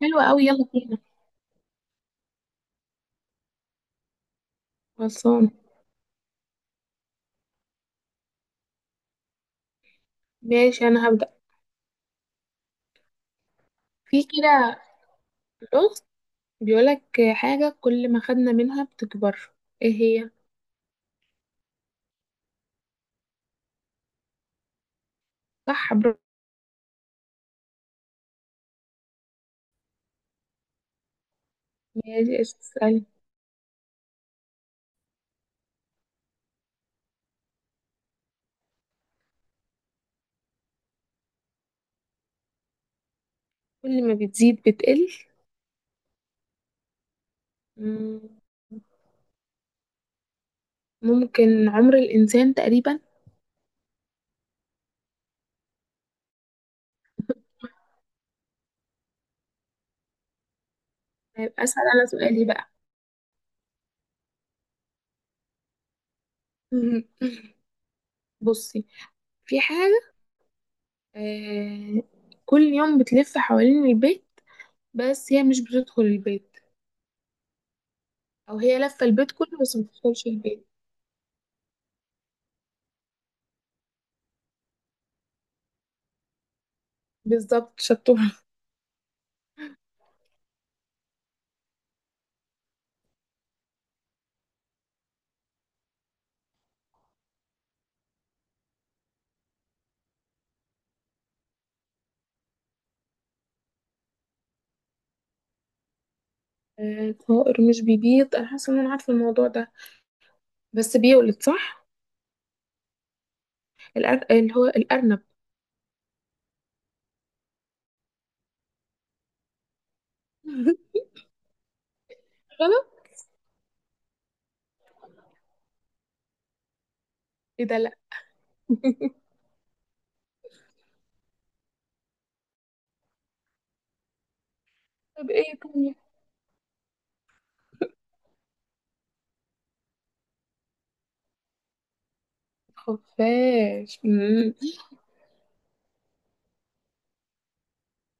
حلوة أوي، يلا بينا. خلصان. ماشي أنا هبدأ. في كده لغز، بيقولك حاجة كل ما خدنا منها بتكبر، ايه هي؟ صح، برافو. ماشي اسألي. كل ما بتزيد بتقل، مم، ممكن عمر الإنسان تقريبا. هيبقى أسأل أنا سؤالي بقى. بصي، في حاجة، آه، كل يوم بتلف حوالين البيت، بس هي مش بتدخل البيت، أو هي لفة البيت كله بس ما بتدخلش البيت. بالظبط، شطور. آه، طائر مش بيبيض، انا حاسه ان انا عارفه الموضوع ده، بس بيولد صح. اللي هو الارنب. غلط. ايه ده؟ لا. طب ايه تاني؟ خفاش. مم.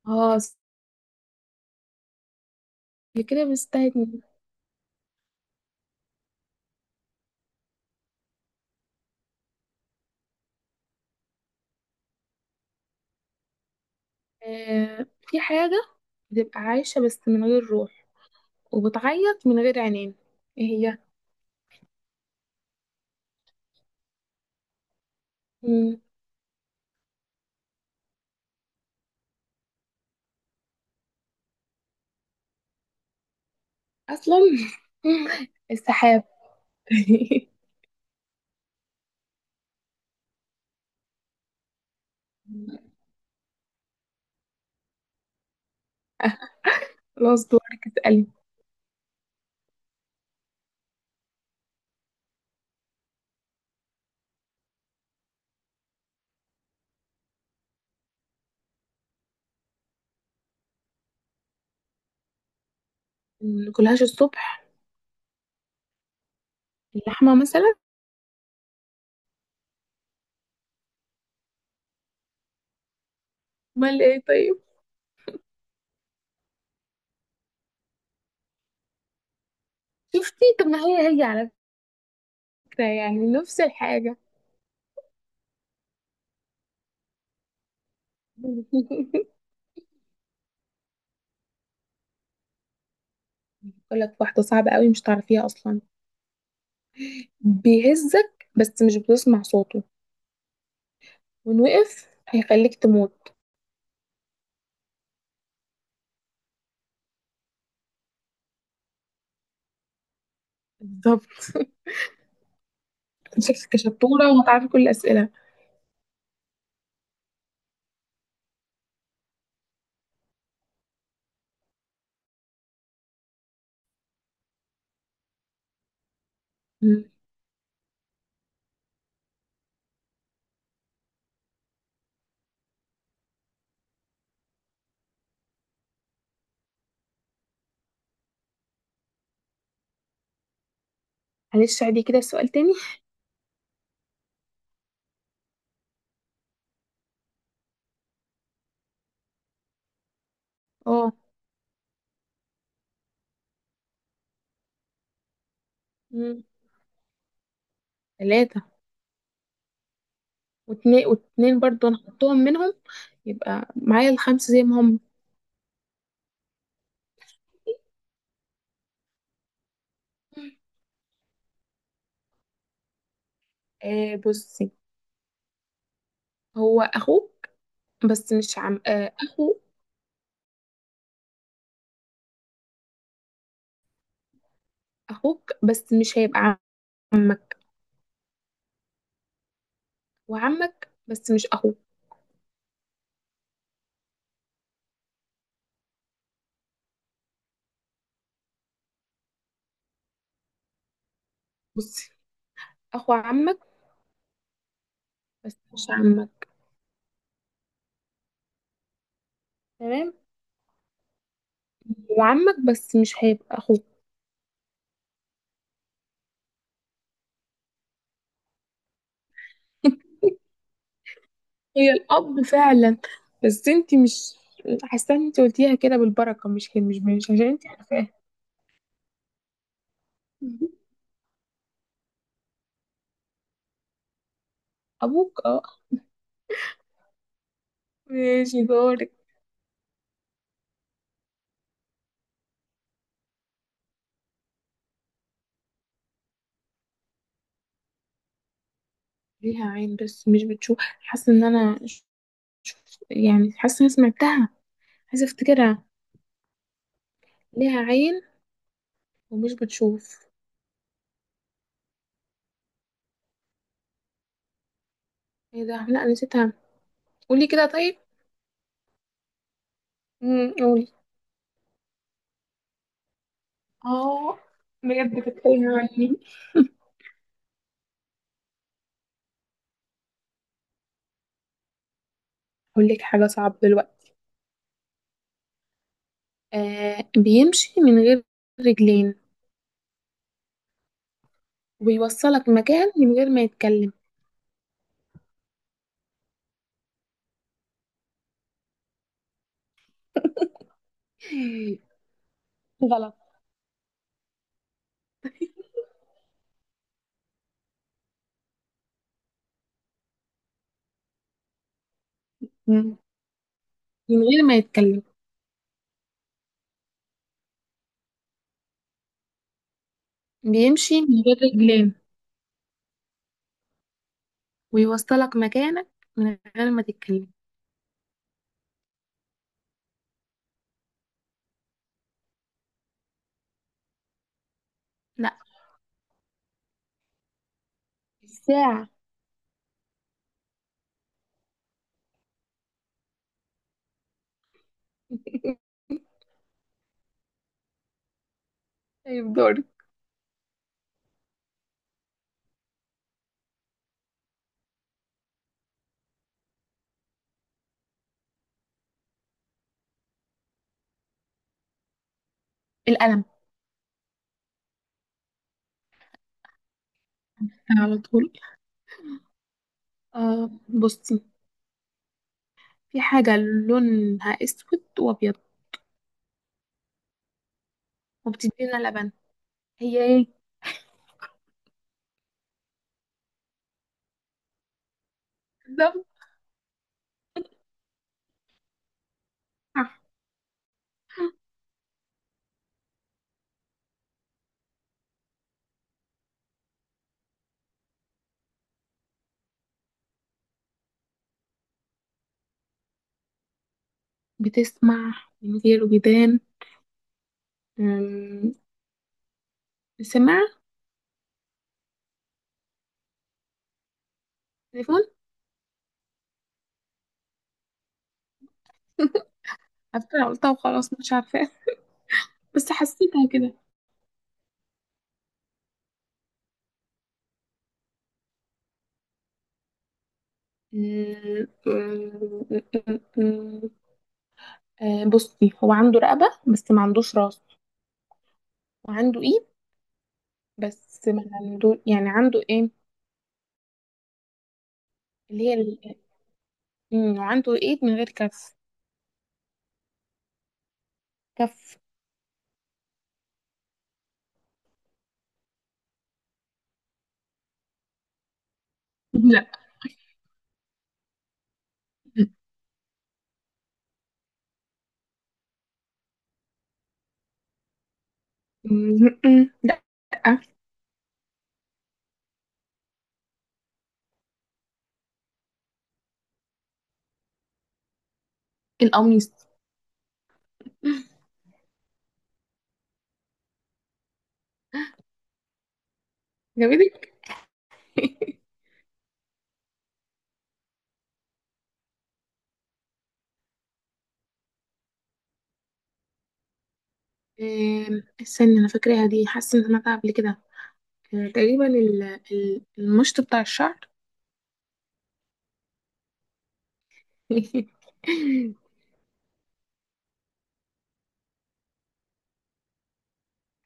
اه. اللي كده مستني. آه، في حاجه بتبقى عايشه بس من غير روح، وبتعيط من غير عينين، ايه هي؟ مم. اصلا، السحاب. خلاص دورك، اسألي. ماكلهاش الصبح؟ اللحمة مثلا. امال ايه طيب؟ شفتي؟ طب ما هي هي على، يعني نفس الحاجة. بقول لك واحدة صعبة قوي مش تعرفيها أصلا. بيهزك بس مش بتسمع صوته، وإن وقف هيخليك تموت. بالظبط. شكلك شطورة وهتعرفي كل الأسئلة. مم. معلش، عادي، كده السؤال تاني. اه. مم. تلاتة، واتنين واتنين برضو أنا حطهم منهم، يبقى معايا الخمسة زي ما هم. آه بصي، هو أخوك بس مش عم آه أخو. أخوك بس مش هيبقى عمك، وعمك بس مش أخوك. بصي، اخو عمك بس مش عمك. تمام، هو عمك بس مش هيبقى اخوك. هي الاب فعلا، بس انت مش، حاسه ان انت قلتيها كده بالبركه، مش كده مش مش عشان انت عارفاها. ابوك اه. ماشي دورك. ليها عين بس مش بتشوف، حاسه ان انا يعني حاسه ان أنا سمعتها، عايزه افتكرها. ليها عين ومش بتشوف. ايه ده، لا نسيتها، قولي كده طيب. قولي. اه، بجد كانت تايهة عني. اقول لك حاجه صعبه دلوقتي. آه، بيمشي من غير رجلين، وبيوصلك مكان من غير ما يتكلم. غلط. مم. من غير ما يتكلم، بيمشي من غير رجلين، ويوصلك مكانك من غير ما تتكلم. لا، الساعة. طيب دورك. القلم. على طول. آه بصي، في حاجة لونها أسود وأبيض وبتدينا لبن، هي ايه؟ بالظبط صح. بتسمع من غير ودان. أم، سماعة. تليفون. عارفة أنا قلتها وخلاص مش عارفاها، بس حسيتها كده. م- م- م- م- آه بصي، هو عنده رقبة بس ما عندوش راس، وعنده ايد بس ما عنده، يعني عنده ايه اللي هي ال- م، وعنده ايد من غير كف. كف. لا. لا. القميص. جابتك. استني انا فاكراها دي، حاسه ان سمعتها قبل كده. آه، تقريبا المشط بتاع الشعر.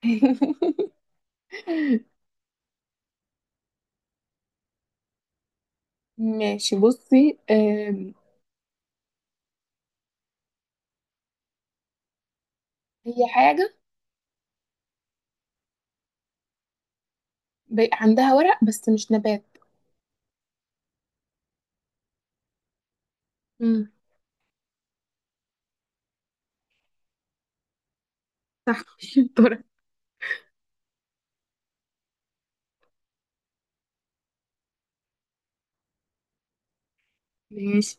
ماشي بصي، هي حاجة عندها ورق بس مش نبات. امم. صح، شطورة. ماشي.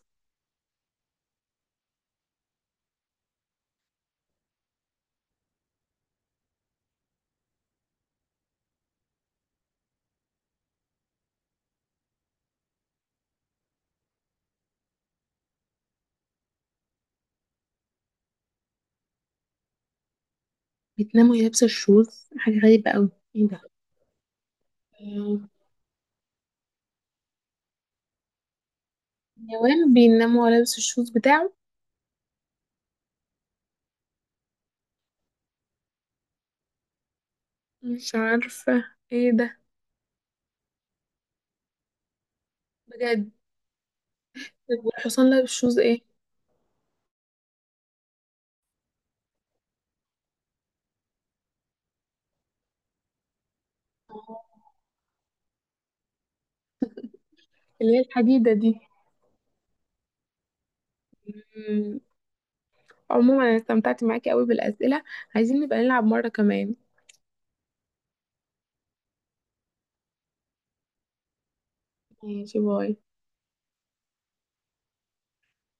بتنام وهي لابسة الشوز، حاجة غريبة أوي. ايه ده؟ آم، النوام بينام وهو لابس الشوز بتاعه. مش عارفة، ايه ده، بجد؟ طب والحصان لابس شوز ايه؟ آه، اللي هي الحديدة دي. مم، عموما انا استمتعت معاكي قوي بالأسئلة، عايزين نبقى نلعب مرة كمان. ماشي باي.